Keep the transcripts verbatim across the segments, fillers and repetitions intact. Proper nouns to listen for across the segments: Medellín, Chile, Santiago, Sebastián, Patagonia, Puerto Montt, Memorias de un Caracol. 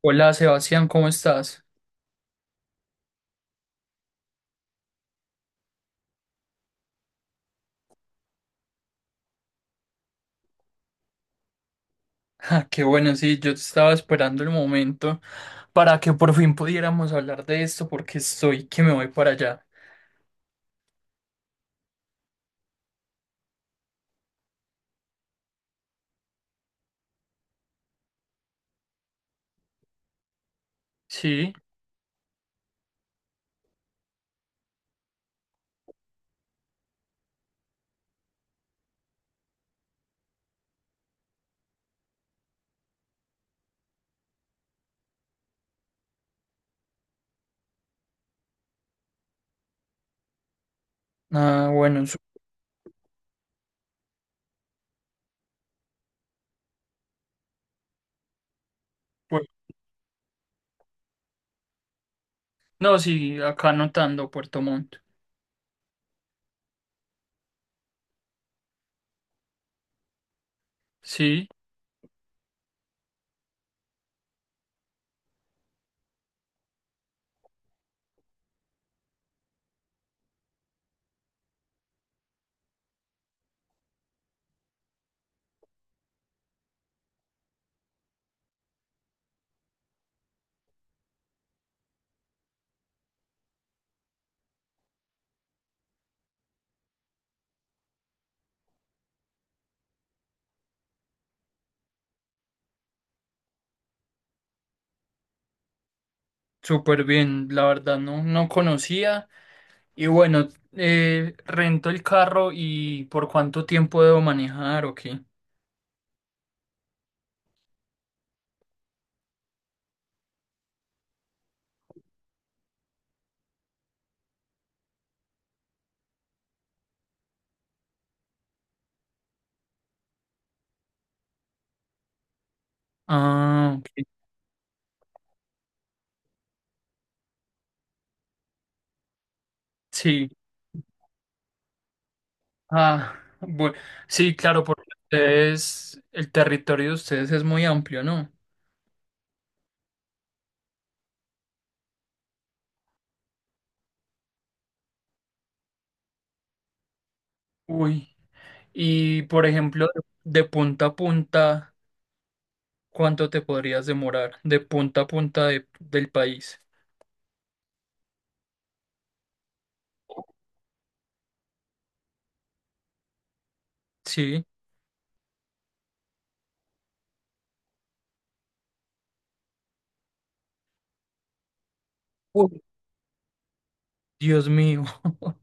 Hola Sebastián, ¿cómo estás? Ah, qué bueno, sí, yo estaba esperando el momento para que por fin pudiéramos hablar de esto porque estoy que me voy para allá. Sí, ah, bueno, su- no, sí, acá anotando Puerto Montt. Sí, súper bien, la verdad no, no conocía y bueno, eh, rento el carro y ¿por cuánto tiempo debo manejar o qué? Ah, ok, sí. Ah, bueno, sí, claro, porque ustedes, el territorio de ustedes es muy amplio, ¿no? Uy, y por ejemplo, de punta a punta, ¿cuánto te podrías demorar? De punta a punta de- del país. Sí. Uy, Dios mío.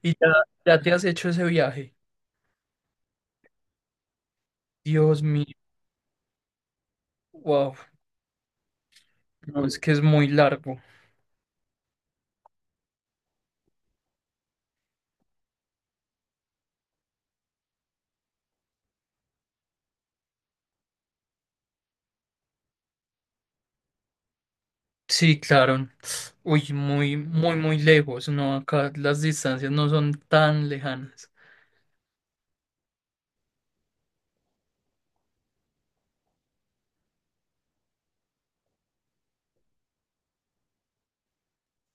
Y ya, ya te has hecho ese viaje. Dios mío. Wow. No, es que es muy largo. Sí, claro. Uy, muy, muy, muy lejos. No, acá las distancias no son tan lejanas.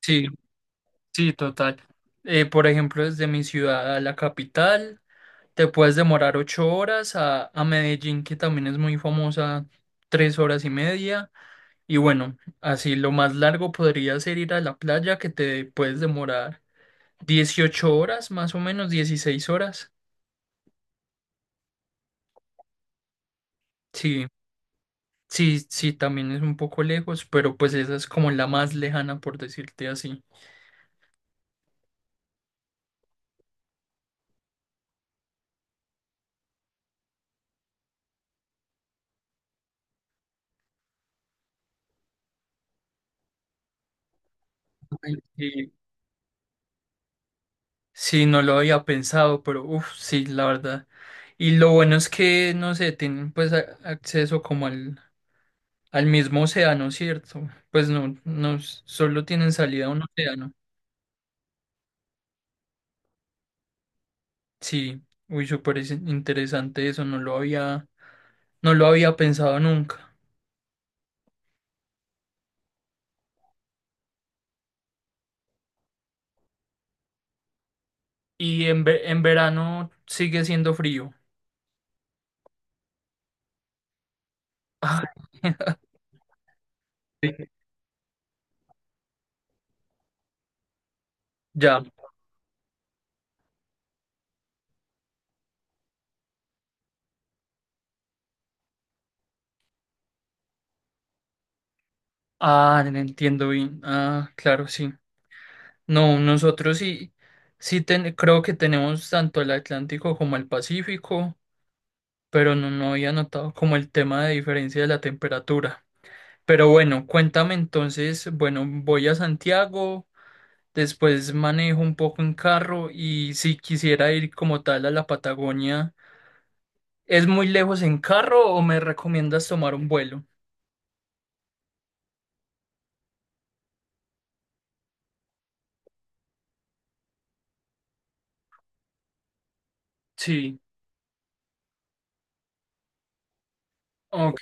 Sí. Sí, total. Eh, por ejemplo, desde mi ciudad a la capital, te puedes demorar ocho horas a, a Medellín, que también es muy famosa, tres horas y media. Y bueno, así lo más largo podría ser ir a la playa, que te puedes demorar dieciocho horas, más o menos, dieciséis horas. Sí, sí, sí, también es un poco lejos, pero pues esa es como la más lejana, por decirte así. Sí. Sí, no lo había pensado, pero uff, sí, la verdad. Y lo bueno es que, no sé, tienen pues a- acceso como al, al mismo océano, ¿cierto? Pues no, no, s- solo tienen salida a un océano. Sí, uy, súper es- interesante eso, no lo había, no lo había pensado nunca. Y en, ve- en verano sigue siendo frío. Ah, ya. Ah, entiendo bien. Ah, claro, sí. No, nosotros sí, sí ten- creo que tenemos tanto el Atlántico como el Pacífico, pero no, no había notado como el tema de diferencia de la temperatura. Pero bueno, cuéntame entonces, bueno, voy a Santiago, después manejo un poco en carro y si quisiera ir como tal a la Patagonia, ¿es muy lejos en carro o me recomiendas tomar un vuelo? Sí, ok,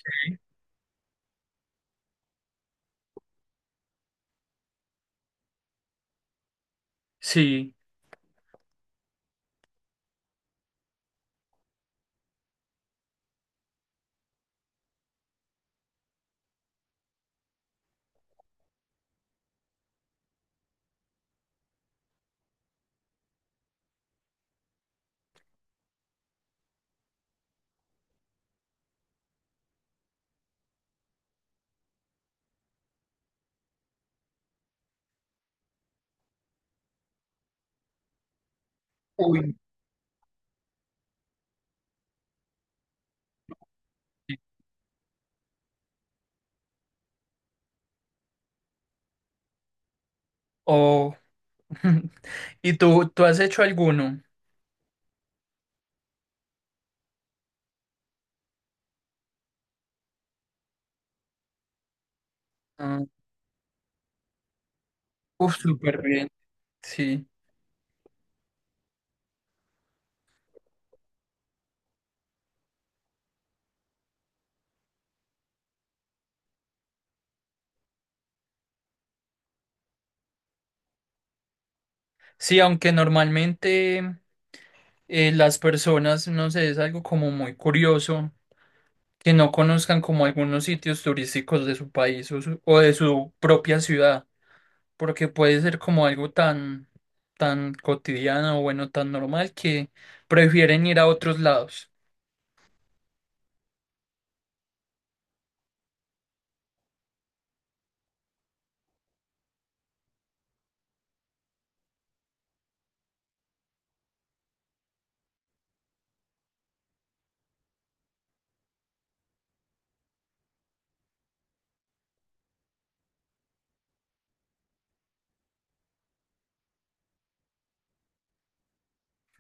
sí. Uy. O ¿y tú, tú has hecho alguno? Ah, uf, súper bien, sí. Sí, aunque normalmente eh, las personas, no sé, es algo como muy curioso que no conozcan como algunos sitios turísticos de su país o, su- o de su propia ciudad, porque puede ser como algo tan, tan cotidiano o bueno, tan normal que prefieren ir a otros lados.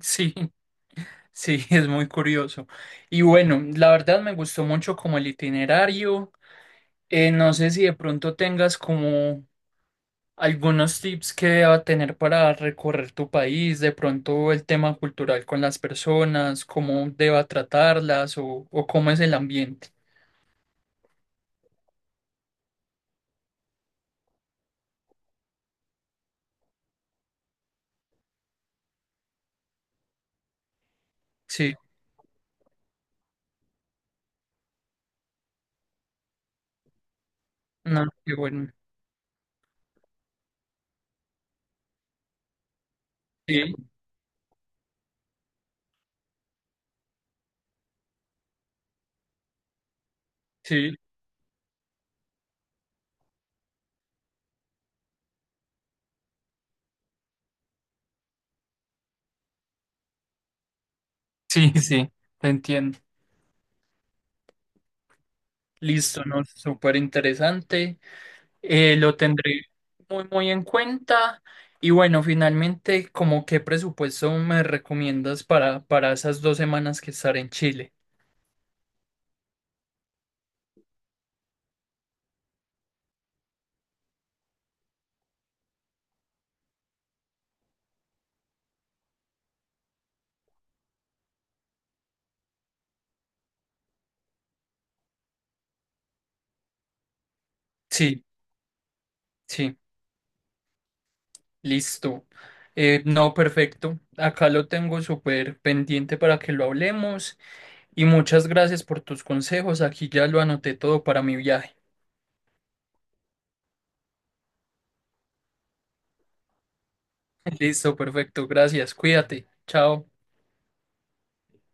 Sí, sí, es muy curioso. Y bueno, la verdad me gustó mucho como el itinerario. Eh, no sé si de pronto tengas como algunos tips que deba tener para recorrer tu país, de pronto el tema cultural con las personas, cómo deba tratarlas o, o cómo es el ambiente. Sí, no, qué bueno. Sí, sí, sí, sí, te entiendo. Listo, ¿no? Súper interesante. Eh, lo tendré muy, muy en cuenta. Y bueno, finalmente, ¿como qué presupuesto me recomiendas para, para esas dos semanas que estaré en Chile? Sí, sí. Listo. Eh, no, perfecto. Acá lo tengo súper pendiente para que lo hablemos y muchas gracias por tus consejos. Aquí ya lo anoté todo para mi viaje. Listo, perfecto. Gracias. Cuídate. Chao.